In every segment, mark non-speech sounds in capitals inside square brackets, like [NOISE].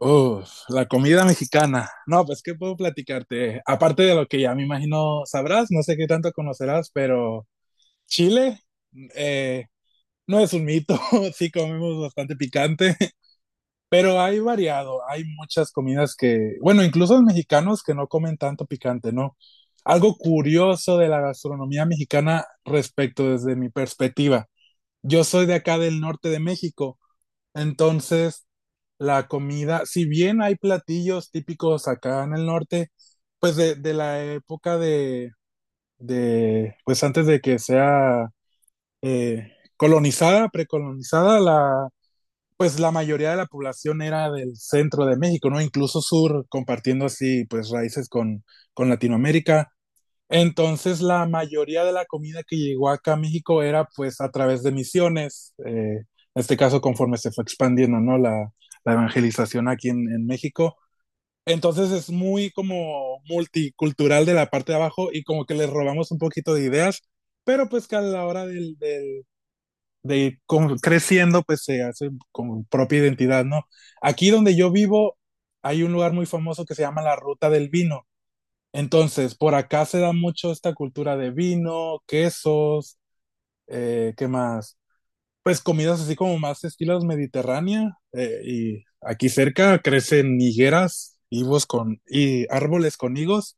Uf, la comida mexicana. No, pues, ¿qué puedo platicarte? Aparte de lo que ya me imagino sabrás, no sé qué tanto conocerás, pero Chile eh, no es un mito. [LAUGHS] Sí comemos bastante picante, [LAUGHS] pero hay variado. Hay muchas comidas que, bueno, incluso los mexicanos que no comen tanto picante, ¿no? Algo curioso de la gastronomía mexicana respecto desde mi perspectiva. Yo soy de acá del norte de México. Entonces, la comida, si bien hay platillos típicos acá en el norte, pues de la época de, pues antes de que sea eh, colonizada, precolonizada, la, pues la mayoría de la población era del centro de México, ¿no? Incluso sur, compartiendo así, pues raíces con Latinoamérica. Entonces, la mayoría de la comida que llegó acá a México era pues a través de misiones, en este caso conforme se fue expandiendo, ¿no? La evangelización aquí en México. Entonces es muy como multicultural de la parte de abajo y como que les robamos un poquito de ideas, pero pues que a la hora del, de ir creciendo pues se hace con propia identidad, ¿no? Aquí donde yo vivo hay un lugar muy famoso que se llama la Ruta del Vino. Entonces, por acá se da mucho esta cultura de vino, quesos, ¿qué más? Pues comidas así como más estilos mediterránea. Y aquí cerca crecen higueras, higos con, y árboles con higos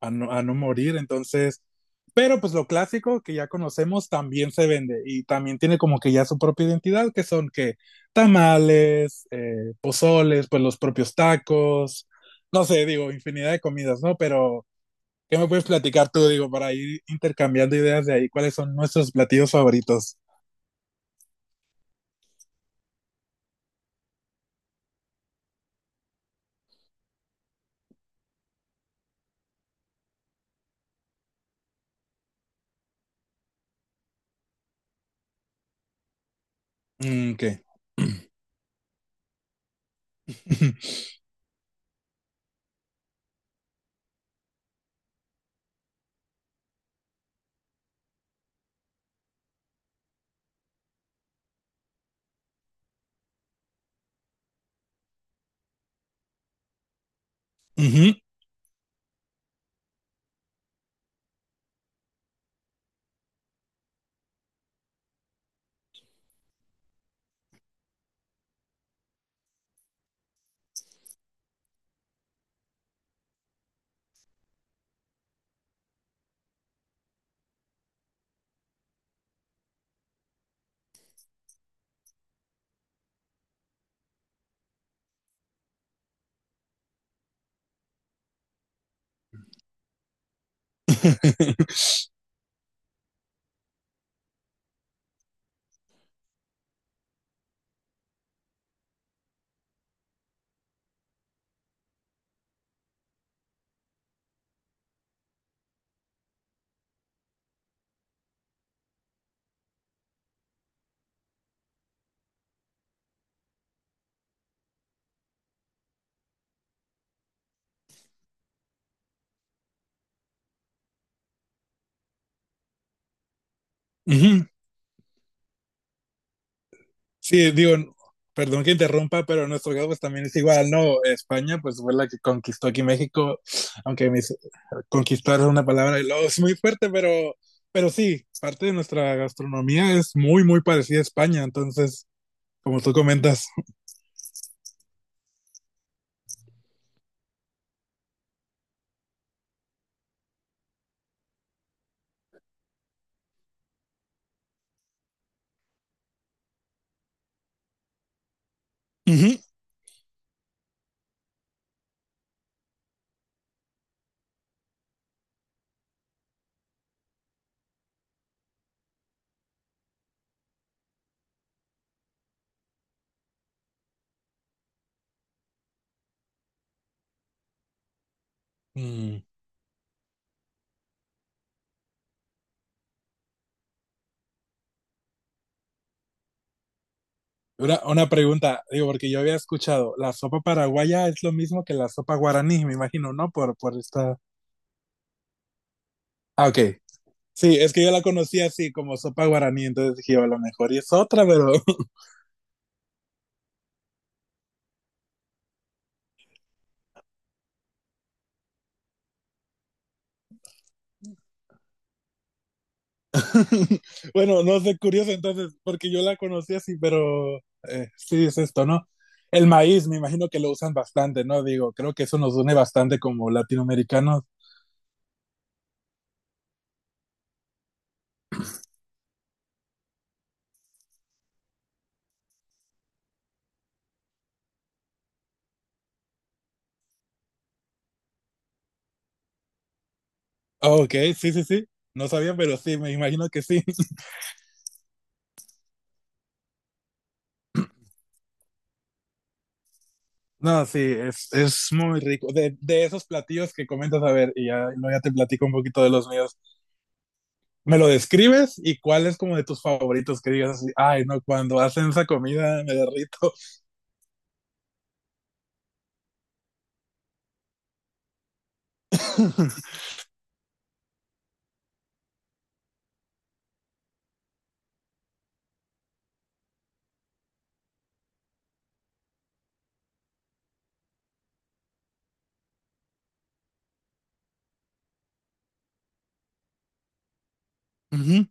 a no morir. Entonces, pero pues lo clásico que ya conocemos también se vende y también tiene como que ya su propia identidad, que son que tamales, pozoles, pues los propios tacos, no sé, digo, infinidad de comidas, ¿no? Pero. ¿Qué me puedes platicar tú, digo, para ir intercambiando ideas de ahí? ¿Cuáles son nuestros platillos favoritos? Mm, ¿qué? [CLEARS THROAT] [LAUGHS] Ujú. [LAUGHS] Ujú. Sí, digo, perdón que interrumpa, pero nuestro caso pues también es igual, ¿no? España pues fue la que conquistó aquí México, aunque conquistar es una palabra y luego es muy fuerte, pero sí, parte de nuestra gastronomía es muy, muy parecida a España, entonces, como tú comentas. Ujú. Mm. Una pregunta, digo, porque yo había escuchado, la sopa paraguaya es lo mismo que la sopa guaraní, me imagino, ¿no? Por esta. Ah, ok. Sí, es que yo la conocí así como sopa guaraní, entonces dije, a lo mejor y es otra, pero [LAUGHS] bueno, no sé, curioso entonces, porque yo la conocí así, pero sí es esto, ¿no? El maíz, me imagino que lo usan bastante, ¿no? Digo, creo que eso nos une bastante como latinoamericanos. Ah, ok, sí, sí, sí, no sabía, pero sí, me imagino que sí. No, sí, es muy rico. De esos platillos que comentas, a ver, y ya, no, ya te platico un poquito de los míos. ¿Me lo describes? ¿Y cuál es como de tus favoritos que digas así, ay, no, cuando hacen esa comida me derrito? Ujú.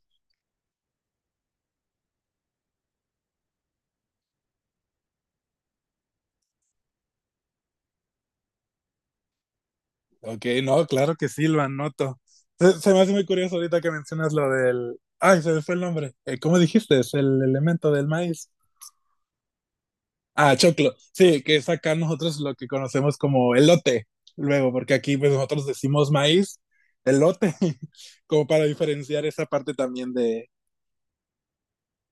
Ok, no, claro que sí, lo anoto. Se me hace muy curioso ahorita que mencionas lo del. Ay, se me fue el nombre. ¿Cómo dijiste? Es el elemento del maíz. Ah, choclo. Sí, que es acá nosotros lo que conocemos como elote, luego, porque aquí pues nosotros decimos maíz, elote, [LAUGHS] como para diferenciar esa parte también de,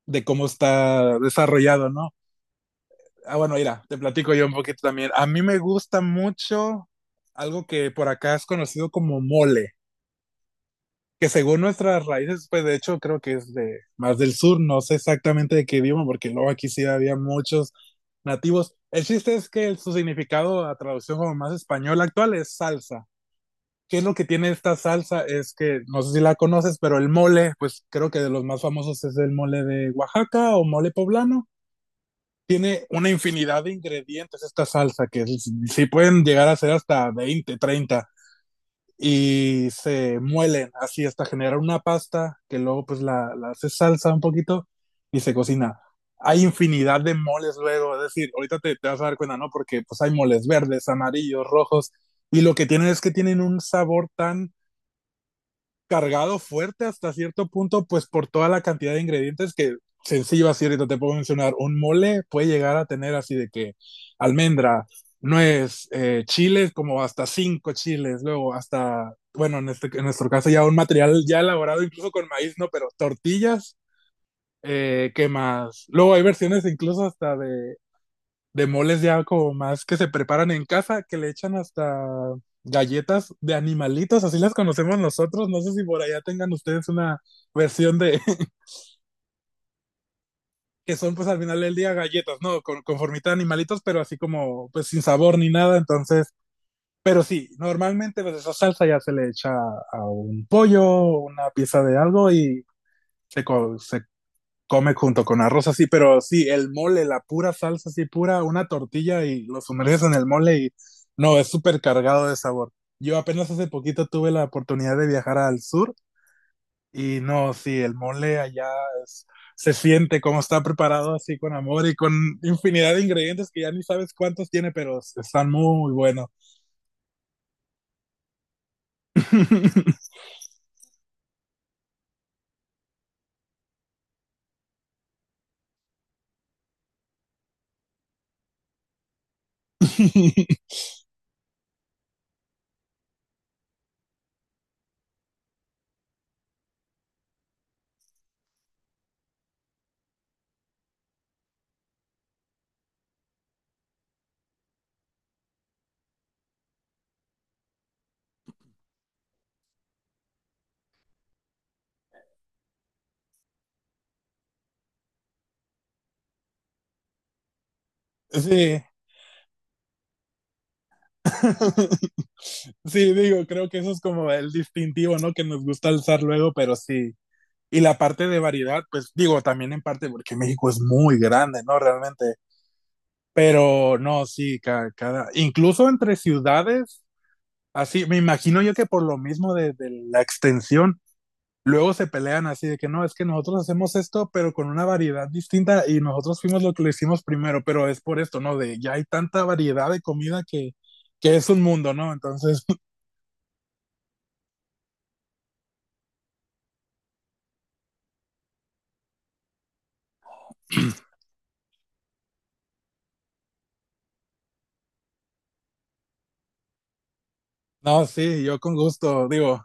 de cómo está desarrollado, ¿no? Ah, bueno, mira, te platico yo un poquito también. A mí me gusta mucho algo que por acá es conocido como mole. Que según nuestras raíces, pues de hecho creo que es de más del sur, no sé exactamente de qué idioma, porque luego aquí sí había muchos nativos. El chiste es que su significado a traducción como más español actual es salsa. ¿Qué es lo que tiene esta salsa? Es que, no sé si la conoces, pero el mole, pues creo que de los más famosos es el mole de Oaxaca o mole poblano. Tiene una infinidad de ingredientes esta salsa, que sí pueden llegar a ser hasta 20-30 y se muelen así hasta generar una pasta que luego pues la hace salsa un poquito y se cocina. Hay infinidad de moles luego, es decir, ahorita te vas a dar cuenta, ¿no? Porque pues hay moles verdes, amarillos, rojos, y lo que tienen es que tienen un sabor tan cargado fuerte hasta cierto punto, pues por toda la cantidad de ingredientes que sencillo así ahorita te puedo mencionar. Un mole puede llegar a tener así de que almendra, nuez, chiles, como hasta cinco chiles, luego hasta, bueno, en, este, en nuestro caso ya un material ya elaborado incluso con maíz, ¿no? Pero tortillas, ¿qué más? Luego hay versiones incluso hasta de moles ya como más que se preparan en casa, que le echan hasta galletas de animalitos, así las conocemos nosotros. No sé si por allá tengan ustedes una versión de [LAUGHS] que son pues al final del día galletas, ¿no? Con conformita de animalitos, pero así como pues sin sabor ni nada. Entonces, pero sí, normalmente pues esa salsa ya se le echa a un pollo, una pieza de algo y se, se come junto con arroz así, pero sí, el mole, la pura salsa así pura, una tortilla y lo sumerges en el mole y no, es súper cargado de sabor. Yo apenas hace poquito tuve la oportunidad de viajar al sur y no, sí, el mole allá es, se siente como está preparado así con amor y con infinidad de ingredientes que ya ni sabes cuántos tiene, pero están muy buenos. [LAUGHS] Sí. [LAUGHS] Sí, digo, creo que eso es como el distintivo, ¿no? Que nos gusta alzar luego, pero sí, y la parte de variedad, pues digo, también en parte porque México es muy grande, ¿no? Realmente. Pero no, sí, cada incluso entre ciudades, así, me imagino yo que por lo mismo de la extensión, luego se pelean así de que no, es que nosotros hacemos esto, pero con una variedad distinta y nosotros fuimos lo que lo hicimos primero, pero es por esto, ¿no? De ya hay tanta variedad de comida que es un mundo, ¿no? Entonces. [CLEARS THROAT] No, sí, yo con gusto, digo,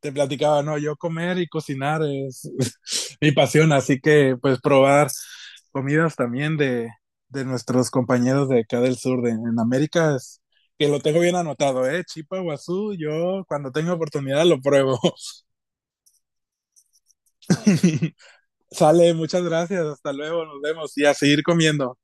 te platicaba, no, yo comer y cocinar es [LAUGHS] mi pasión, así que pues probar comidas también de nuestros compañeros de acá del sur de en América es que lo tengo bien anotado, Chipa Guazú, yo cuando tengo oportunidad lo pruebo. [LAUGHS] Sale, muchas gracias, hasta luego, nos vemos y a seguir comiendo.